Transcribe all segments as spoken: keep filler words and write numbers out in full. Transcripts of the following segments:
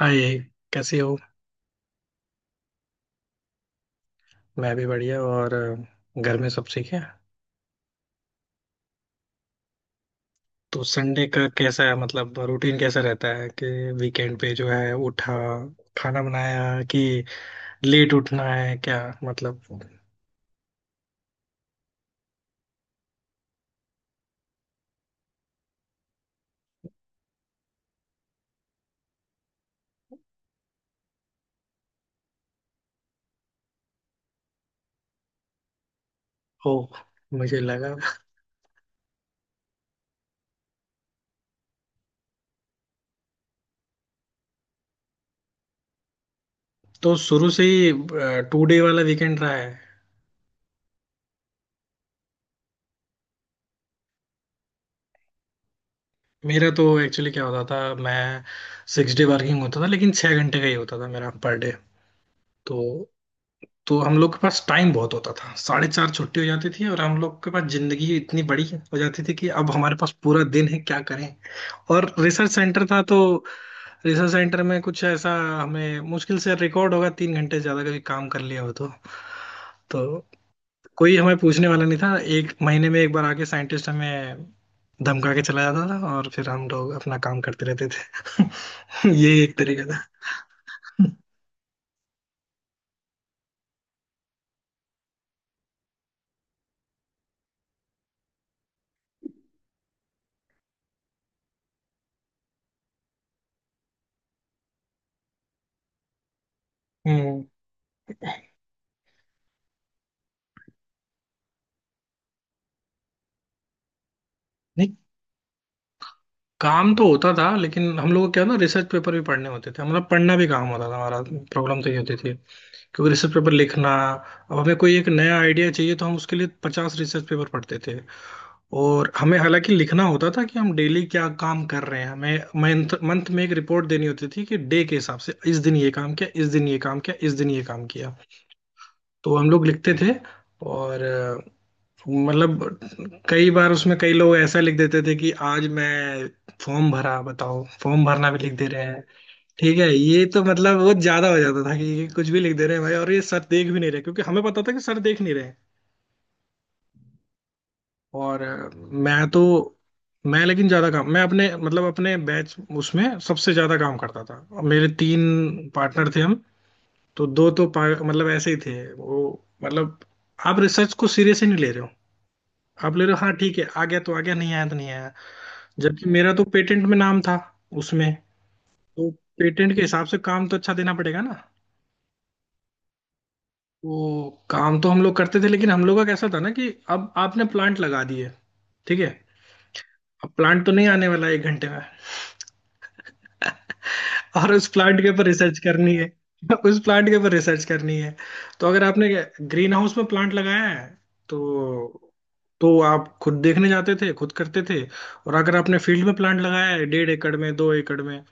हाय। कैसी हो? मैं भी बढ़िया। और अ, घर में सब ठीक है। तो संडे का कैसा है, मतलब रूटीन कैसा रहता है कि वीकेंड पे जो है उठा, खाना बनाया, कि लेट उठना है क्या, मतलब। ओ, मुझे लगा तो शुरू से ही टू डे वाला वीकेंड रहा है। मेरा तो एक्चुअली क्या होता था, मैं सिक्स डे वर्किंग होता था, लेकिन छः घंटे का ही होता था मेरा पर डे। तो तो हम लोग के पास टाइम बहुत होता था, साढ़े चार छुट्टी हो जाती थी और हम लोग के पास जिंदगी इतनी बड़ी हो जाती थी कि अब हमारे पास पूरा दिन है, क्या करें। और रिसर्च सेंटर था, तो रिसर्च सेंटर में कुछ ऐसा, हमें मुश्किल से रिकॉर्ड होगा तीन घंटे से ज्यादा कभी काम कर लिया हो। तो तो कोई हमें पूछने वाला नहीं था, एक महीने में एक बार आके साइंटिस्ट हमें धमका के चला जाता था और फिर हम लोग अपना काम करते रहते थे। ये एक तरीका था। हम्म। नहीं, काम तो होता था, लेकिन हम लोग को क्या ना, रिसर्च पेपर भी पढ़ने होते थे, मतलब पढ़ना भी काम होता था हमारा। प्रॉब्लम तो ये होती थी, क्योंकि रिसर्च पेपर लिखना, अब हमें कोई एक नया आइडिया चाहिए तो हम उसके लिए पचास रिसर्च पेपर पढ़ते थे। और हमें हालांकि लिखना होता था कि हम डेली क्या काम कर रहे हैं, हमें मंथ मंथ में एक रिपोर्ट देनी होती थी कि डे के हिसाब से इस दिन ये काम किया, इस दिन ये काम किया, इस दिन ये काम किया। तो हम लोग लिखते थे। और मतलब कई बार उसमें कई लोग ऐसा लिख देते थे कि आज मैं फॉर्म भरा, बताओ, फॉर्म भरना भी लिख दे रहे हैं। ठीक है, ये तो मतलब बहुत ज्यादा हो जाता था कि ये कुछ भी लिख दे रहे हैं भाई, और ये सर देख भी नहीं रहे, क्योंकि हमें पता था कि सर देख नहीं रहे हैं। और अ, मैं तो मैं लेकिन ज्यादा काम, मैं अपने मतलब अपने बैच उसमें सबसे ज्यादा काम करता था, और मेरे तीन पार्टनर थे हम। तो दो तो पा- मतलब ऐसे ही थे वो, मतलब आप रिसर्च को सीरियस ही नहीं ले रहे हो, आप ले रहे हो। हाँ ठीक है, आ गया तो आ गया, नहीं आया तो नहीं आया। जबकि मेरा तो पेटेंट में नाम था उसमें, तो पेटेंट के हिसाब से काम तो अच्छा देना पड़ेगा ना। तो काम तो हम लोग करते थे, लेकिन हम लोग का कैसा था ना कि, अब आपने प्लांट लगा दिए, ठीक है, अब प्लांट तो नहीं आने वाला एक घंटे में, और उस प्लांट के ऊपर रिसर्च करनी है, उस प्लांट के ऊपर रिसर्च करनी है। तो अगर आपने ग्रीन हाउस में प्लांट लगाया है तो तो आप खुद देखने जाते थे, खुद करते थे। और अगर आपने फील्ड में प्लांट लगाया है, डेढ़ एकड़ में, दो एकड़ में,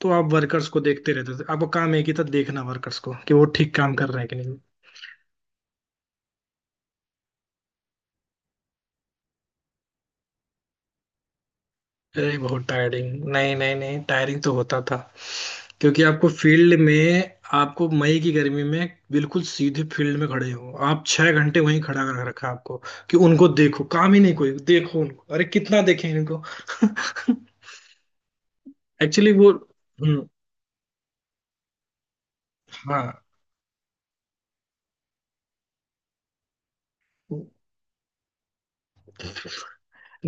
तो आप वर्कर्स को देखते रहते थे। आपका काम एक ही था, देखना वर्कर्स को कि वो ठीक काम कर रहे हैं कि नहीं। अरे, बहुत टायरिंग, नहीं नहीं नहीं, टायरिंग तो होता था, क्योंकि आपको फील्ड में, आपको मई की गर्मी में बिल्कुल सीधे फील्ड में खड़े हो, आप छह घंटे वहीं खड़ा कर रखा आपको कि उनको देखो, काम ही नहीं, कोई देखो उनको, अरे कितना देखें इनको। एक्चुअली वो हम्म, हाँ।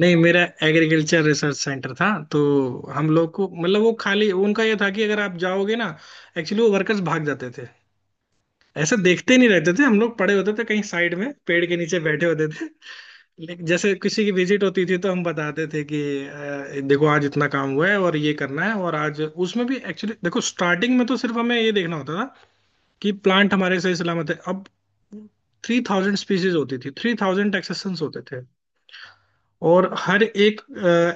नहीं, मेरा एग्रीकल्चर रिसर्च सेंटर था, तो हम लोग को मतलब वो खाली उनका ये था कि अगर आप जाओगे ना, एक्चुअली वो वर्कर्स भाग जाते थे। ऐसे देखते नहीं रहते थे, हम लोग पड़े होते थे कहीं साइड में पेड़ के नीचे बैठे होते थे। लेकिन जैसे किसी की विजिट होती थी तो हम बताते थे कि अ, देखो आज इतना काम हुआ है और ये करना है। और आज उसमें भी एक्चुअली देखो, स्टार्टिंग में तो सिर्फ हमें ये देखना होता था कि प्लांट हमारे सही सलामत है। अब थ्री थाउजेंड स्पीसीज होती थी, थ्री थाउजेंड एक्सेसन्स होते थे, और हर एक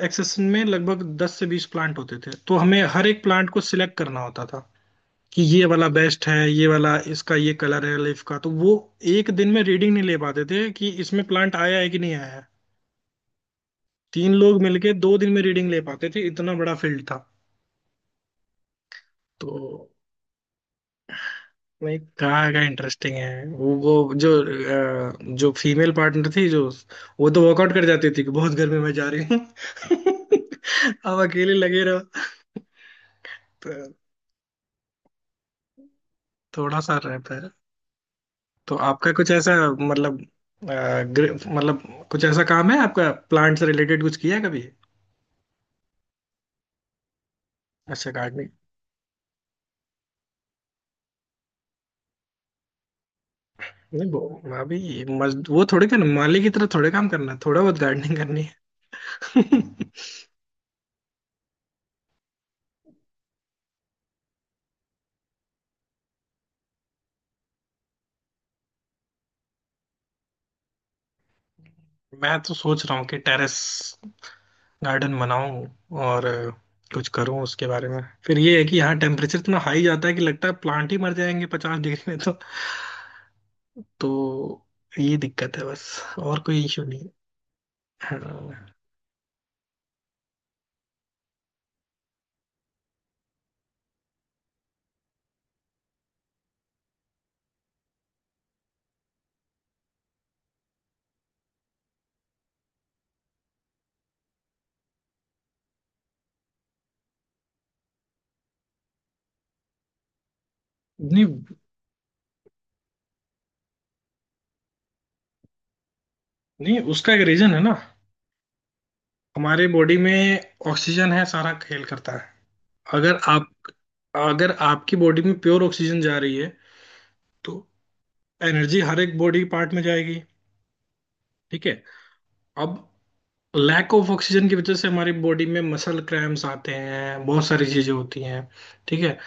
एक्सेसन में लगभग दस से बीस प्लांट होते थे, तो हमें हर एक प्लांट को सिलेक्ट करना होता था कि ये वाला बेस्ट है, ये वाला इसका ये कलर है लीफ का। तो वो एक दिन में रीडिंग नहीं ले पाते थे कि इसमें प्लांट आया है कि नहीं आया है। तीन लोग मिलके दो दिन में रीडिंग ले पाते थे, इतना बड़ा फील्ड था। तो नहीं, कहा का इंटरेस्टिंग है। वो वो जो अ, जो फीमेल पार्टनर थी, जो वो तो वर्कआउट कर जाती थी कि बहुत गर्मी में जा रही हूँ। अब अकेले लगे रहो। तो थोड़ा सा रहता है। तो आपका कुछ ऐसा मतलब अ, ग्रे- मतलब कुछ ऐसा काम है आपका, प्लांट से रिलेटेड कुछ किया है कभी? अच्छा गार्डनिंग। नहीं वो, अभी मजद वो थोड़े करना माली की तरह, थोड़े काम करना है, थोड़ा बहुत गार्डनिंग करनी है। मैं तो सोच रहा हूँ कि टेरेस गार्डन बनाऊं और अ, कुछ करूं उसके बारे में। फिर ये है कि यहाँ टेम्परेचर इतना हाई जाता है कि लगता है प्लांट ही मर जाएंगे पचास डिग्री में। तो तो ये दिक्कत है बस, और कोई इशू नहीं है। हाँ। नहीं नहीं, उसका एक रीजन है ना। हमारे बॉडी में ऑक्सीजन है, सारा खेल करता है। अगर आप, अगर आपकी बॉडी में प्योर ऑक्सीजन जा रही है तो एनर्जी हर एक बॉडी पार्ट में जाएगी। ठीक है, अब लैक ऑफ ऑक्सीजन की वजह से हमारी बॉडी में मसल क्रैम्स आते हैं, बहुत सारी चीजें होती हैं। ठीक है,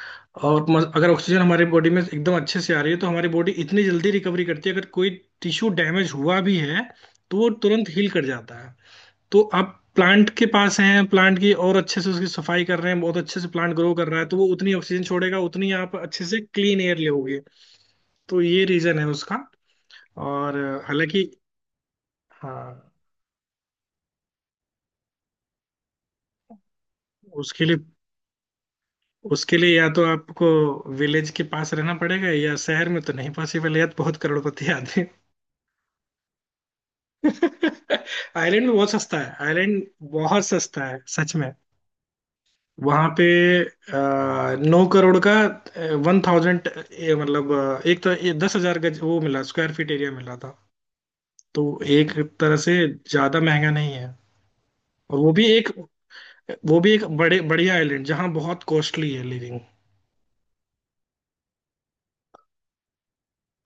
और मस- अगर ऑक्सीजन हमारी बॉडी में एकदम अच्छे से आ रही है तो हमारी बॉडी इतनी जल्दी रिकवरी करती है, अगर कोई टिश्यू डैमेज हुआ भी है तो वो तुरंत हील कर जाता है। तो आप प्लांट के पास हैं, प्लांट की और अच्छे से उसकी सफाई कर रहे हैं, बहुत अच्छे से प्लांट ग्रो कर रहा है, तो वो उतनी ऑक्सीजन छोड़ेगा, उतनी आप अच्छे से क्लीन एयर लोगे। तो ये रीजन है उसका। और हालांकि, हाँ, उसके लिए, उसके लिए या तो आपको विलेज के पास रहना पड़ेगा, या शहर में तो नहीं पॉसिबल है, या तो बहुत करोड़पति आदमी। आइलैंड में बहुत सस्ता है आइलैंड, बहुत सस्ता है सच में। वहां पे आ, नौ करोड़ का वन थाउजेंड, मतलब अ, एक तो ये दस हजार गज वो मिला, स्क्वायर फीट एरिया मिला था। तो एक तरह से ज्यादा महंगा नहीं है, और वो भी एक, वो भी एक बड़े बढ़िया आइलैंड जहाँ बहुत कॉस्टली है लिविंग।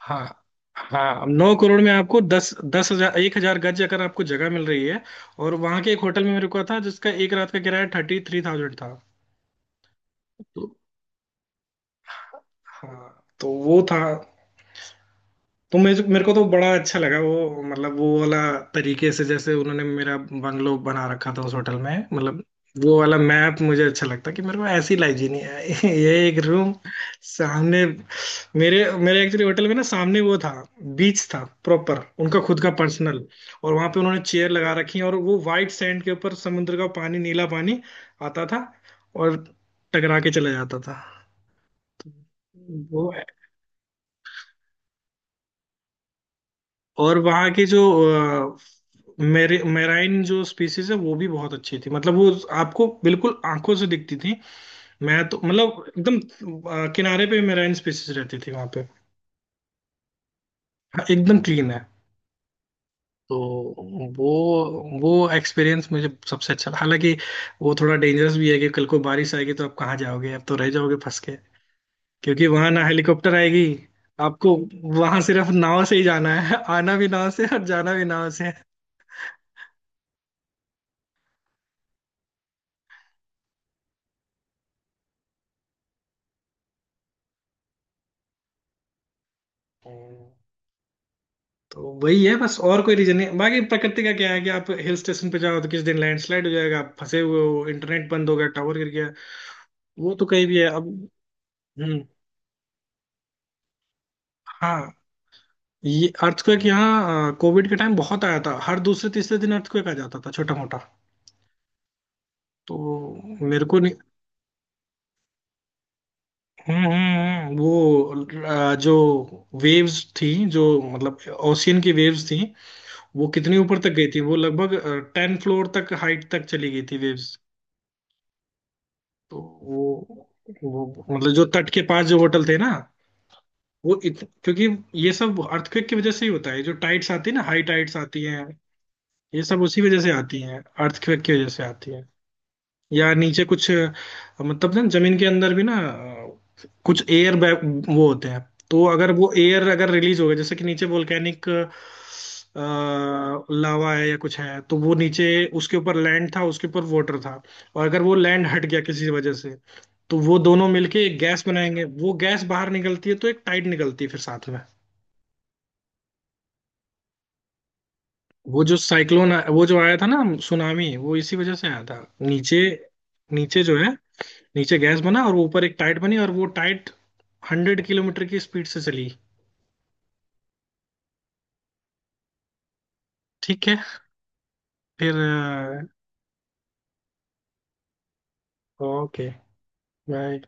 हाँ हाँ, नौ करोड़ में आपको दस दस हजार एक हजार गज अगर आपको जगह मिल रही है। और वहां के एक होटल में मेरे को था जिसका एक रात का किराया थर्टी थ्री थाउजेंड था। तो हाँ, तो वो था। तो मेरे मेरे को तो बड़ा अच्छा लगा वो, मतलब वो वाला तरीके से जैसे उन्होंने मेरा बंगलो बना रखा था उस होटल में, मतलब वो वाला मैप मुझे अच्छा लगता कि मेरे को ऐसी लाइफ जीनी है। ये एक रूम सामने, मेरे मेरे एक्चुअली होटल में ना सामने वो था, बीच था प्रॉपर उनका खुद का पर्सनल। और वहां पे उन्होंने चेयर लगा रखी और वो वाइट सैंड के ऊपर समुद्र का पानी, नीला पानी आता था और टकरा के चला जाता था। तो वो, और वहाँ की जो मेरे मेराइन जो स्पीसीज है, वो भी बहुत अच्छी थी, मतलब वो आपको बिल्कुल आंखों से दिखती थी। मैं तो मतलब एकदम अ, किनारे पे मेराइन स्पीसीज रहती थी वहाँ पे। हाँ, एकदम क्लीन है। तो वो वो एक्सपीरियंस मुझे सबसे अच्छा था। हालांकि वो थोड़ा डेंजरस भी है कि कल को बारिश आएगी तो आप कहाँ जाओगे, आप तो रह जाओगे फंस के, क्योंकि वहां ना हेलीकॉप्टर आएगी आपको, वहां सिर्फ नाव से ही जाना है, आना भी नाव से और जाना भी नाव से। तो वही है बस, और कोई रीजन नहीं, बाकी प्रकृति का क्या है कि आप हिल स्टेशन पे जाओ तो किस दिन लैंडस्लाइड हो जाएगा, आप फंसे हुए हो, इंटरनेट बंद हो गया, टावर गिर गया। वो तो कहीं भी है अब। हम्म। हाँ। ये अर्थक्वेक यहाँ कोविड के टाइम बहुत आया था, हर दूसरे तीसरे दिन अर्थक्वेक आ जाता था छोटा मोटा। तो मेरे को नहीं। हम्म हम्म, हम्म, वो अ, जो वेव्स थी जो, मतलब ओशियन की वेव्स थी, वो कितनी ऊपर तक गई थी, वो लगभग टेन फ्लोर तक हाइट तक चली गई थी वेव्स। तो वो वो मतलब जो तट के पास जो होटल थे ना, वो इत, क्योंकि ये सब अर्थक्वेक की वजह से ही होता है, जो टाइड्स आती है ना, हाई टाइड्स आती हैं, ये सब उसी वजह से आती हैं, अर्थक्वेक की वजह से आती हैं। या नीचे कुछ अ, मतलब ना जमीन के अंदर भी ना अ, कुछ एयर बैग वो होते हैं, तो अगर वो एयर अगर रिलीज हो गया, जैसे कि नीचे वोल्केनिक लावा है या कुछ है, तो वो नीचे, उसके ऊपर लैंड था, उसके ऊपर वाटर था, और अगर वो लैंड हट गया किसी वजह से, तो वो दोनों मिलके एक गैस बनाएंगे, वो गैस बाहर निकलती है तो एक टाइड निकलती है, फिर साथ में वो जो साइक्लोन वो जो आया था ना, सुनामी, वो इसी वजह से आया था। नीचे, नीचे जो है नीचे गैस बना और वो ऊपर एक टाइट बनी, और वो टाइट हंड्रेड किलोमीटर की स्पीड से चली। ठीक है, फिर ओके, बाय।